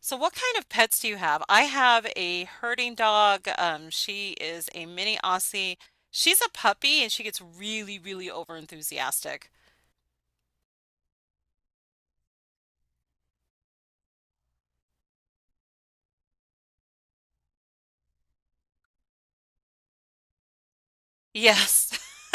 So, what kind of pets do you have? I have a herding dog. She is a mini Aussie. She's a puppy and she gets really, really over enthusiastic. Yes.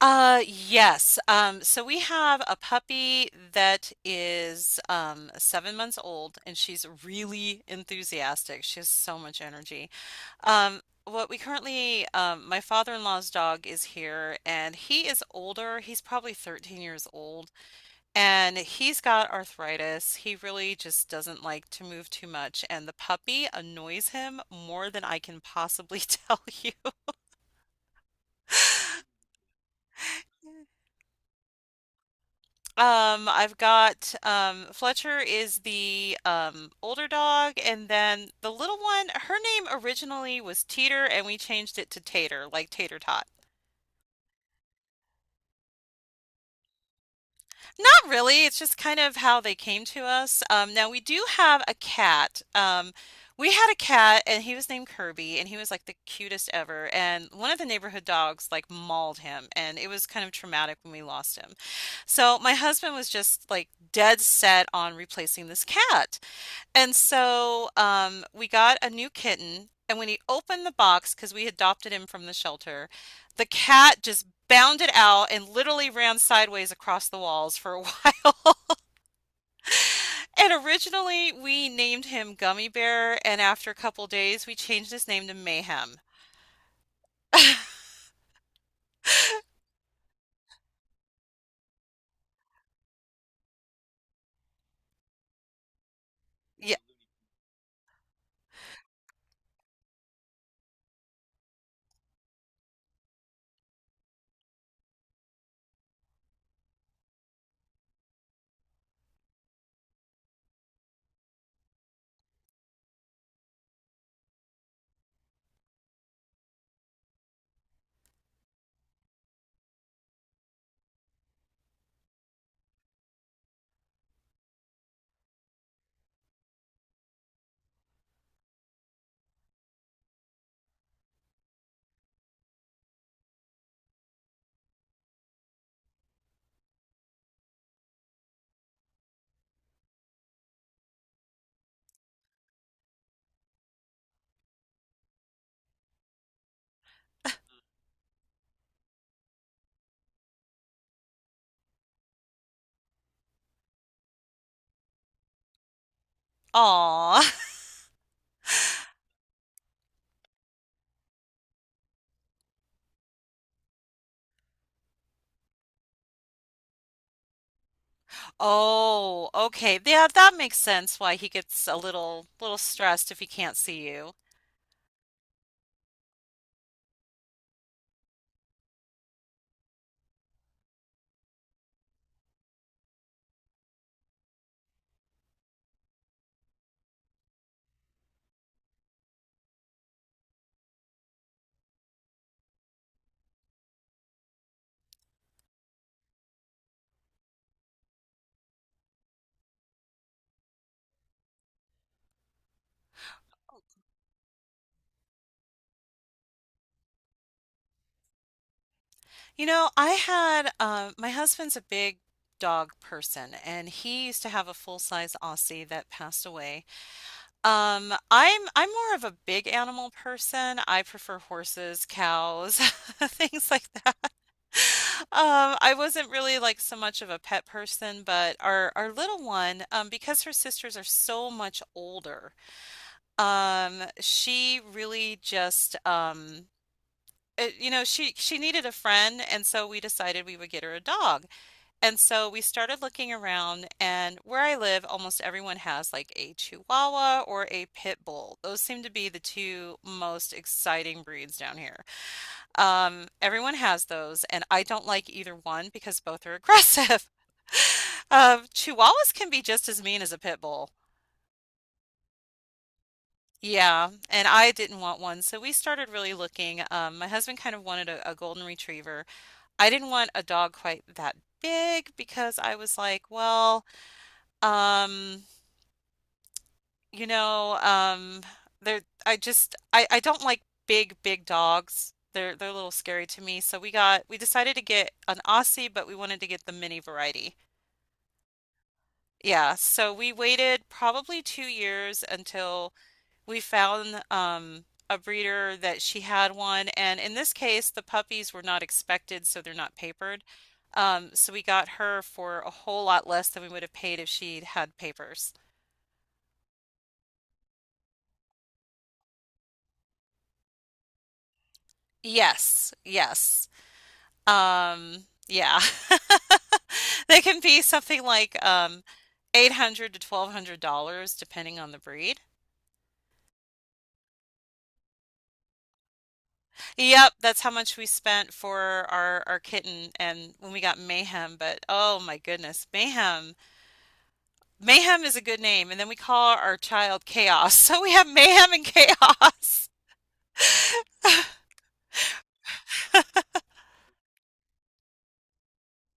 Yes. So we have a puppy that is 7 months old and she's really enthusiastic. She has so much energy. Um, my father-in-law's dog is here and he is older. He's probably 13 years old. And he's got arthritis. He really just doesn't like to move too much. And the puppy annoys him more than I can possibly tell you. I've got Fletcher is the older dog, and then the little one, her name originally was Teeter, and we changed it to Tater, like Tater Tot. Not really. It's just kind of how they came to us. Now we do have a cat. We had a cat, and he was named Kirby, and he was like the cutest ever. And one of the neighborhood dogs like mauled him, and it was kind of traumatic when we lost him. So my husband was just like dead set on replacing this cat. And so we got a new kitten, and when he opened the box, because we adopted him from the shelter, the cat just bounded out and literally ran sideways across the walls for a while. And originally we named him Gummy Bear, and after a couple days we changed his name to Mayhem. Yeah. Aw. Oh, okay. Yeah, that makes sense why he gets a little stressed if he can't see you. You know, I had my husband's a big dog person, and he used to have a full-size Aussie that passed away. I'm more of a big animal person. I prefer horses, cows, things like that. I wasn't really like so much of a pet person, but our little one, because her sisters are so much older, she really just it, you know, she needed a friend, and so we decided we would get her a dog. And so we started looking around, and where I live, almost everyone has like a Chihuahua or a Pit Bull. Those seem to be the two most exciting breeds down here. Everyone has those, and I don't like either one because both are aggressive. Chihuahuas can be just as mean as a Pit Bull. Yeah, and I didn't want one, so we started really looking. My husband kind of wanted a golden retriever. I didn't want a dog quite that big because I was like, well, um, You know, they're I just I don't like big dogs. They're a little scary to me. So we decided to get an Aussie, but we wanted to get the mini variety. Yeah, so we waited probably 2 years until we found a breeder that she had one, and in this case, the puppies were not expected, so they're not papered. So we got her for a whole lot less than we would have paid if she'd had papers. Yes, yes. Yeah. They can be something like 800 to $1,200 depending on the breed. Yep, that's how much we spent for our kitten and when we got Mayhem, but oh my goodness, Mayhem. Mayhem is a good name and then we call our child Chaos. So we have Mayhem and Chaos.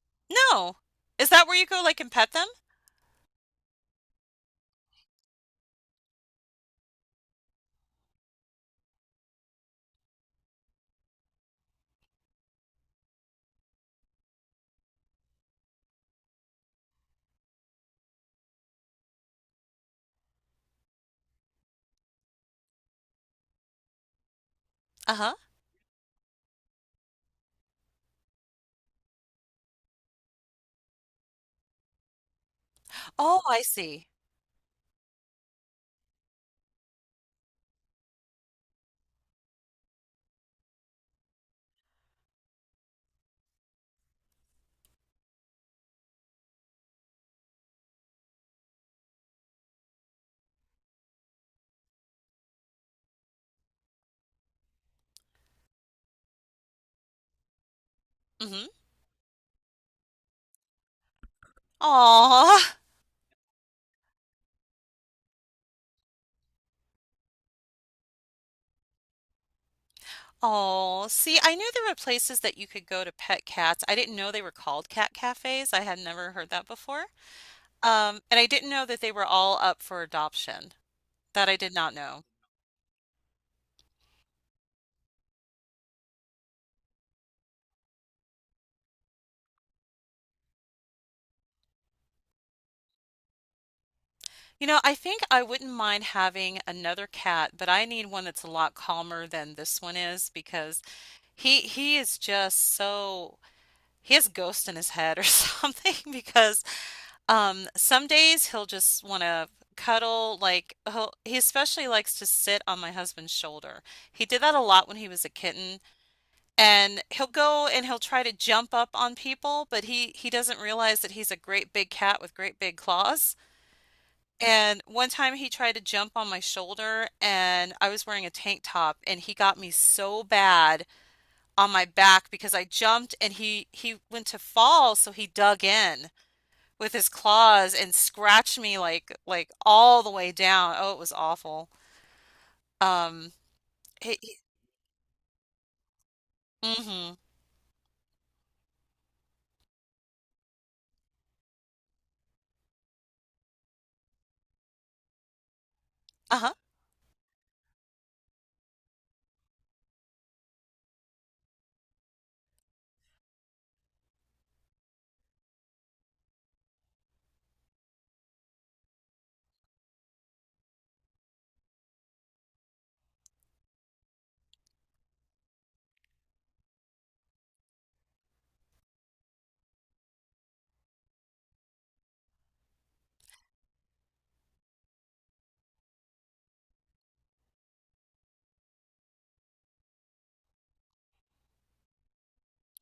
No. Is that where you go like and pet them? Uh-huh. Oh, I see. Mm-hmm. Oh, see, I knew there were places that you could go to pet cats. I didn't know they were called cat cafes. I had never heard that before. And I didn't know that they were all up for adoption. That I did not know. You know, I think I wouldn't mind having another cat, but I need one that's a lot calmer than this one is because he is just so he has ghosts in his head or something, because some days he'll just want to cuddle, like, he especially likes to sit on my husband's shoulder. He did that a lot when he was a kitten, and he'll go and he'll try to jump up on people, but he doesn't realize that he's a great big cat with great big claws. And one time he tried to jump on my shoulder and I was wearing a tank top and he got me so bad on my back because I jumped and he went to fall, so he dug in with his claws and scratched me like all the way down. Oh, it was awful. Um, he, he, mm-hmm. Uh-huh.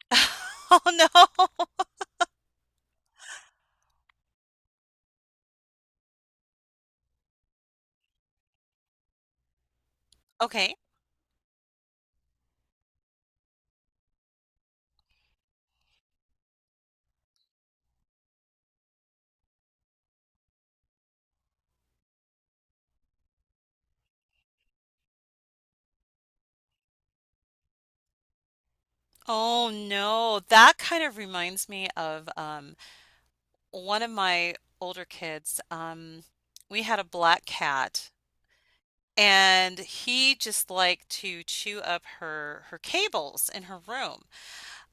Oh no. Okay. Oh no. That kind of reminds me of one of my older kids. We had a black cat and he just liked to chew up her cables in her room.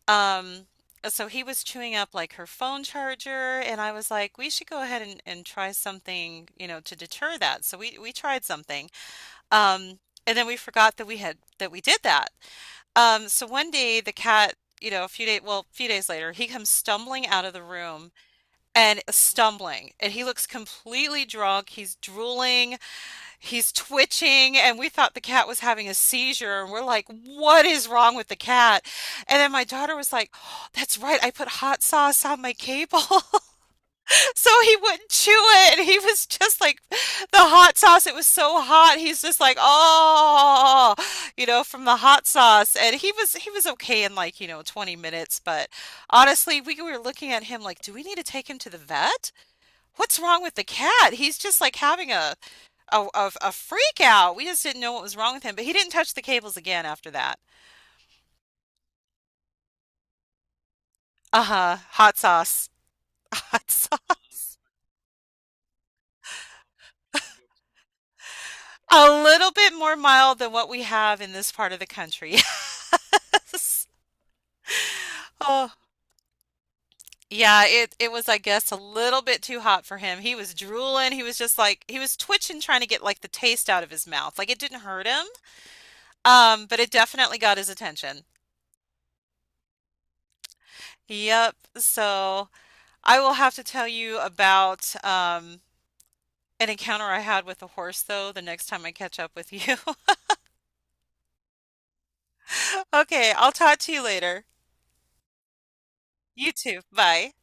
Um, so he was chewing up like her phone charger, and I was like, we should go ahead and try something, you know, to deter that. So we tried something. Um, and then we forgot that we did that. So one day, the cat, you know, a few days, well, a few days later, he comes stumbling out of the room and stumbling, and he looks completely drunk. He's drooling. He's twitching, and we thought the cat was having a seizure. And we're like, what is wrong with the cat? And then my daughter was like, oh, that's right, I put hot sauce on my cable. So he wouldn't chew it. And he was just like, the hot sauce, it was so hot. He's just like, oh, you know, from the hot sauce. And he was okay in like, 20 minutes. But honestly, we were looking at him like, do we need to take him to the vet? What's wrong with the cat? He's just like having a freak out. We just didn't know what was wrong with him, but he didn't touch the cables again after that. Uh-huh. Hot sauce. Hot sauce. A little bit more mild than what we have in this part of the country. Yes. Oh, yeah, it was, I guess, a little bit too hot for him. He was drooling. He was just like he was twitching, trying to get like the taste out of his mouth. Like, it didn't hurt him, but it definitely got his attention. Yep. So I will have to tell you about an encounter I had with a horse, though, the next time I catch up with you. Okay, I'll talk to you later. You too. Bye.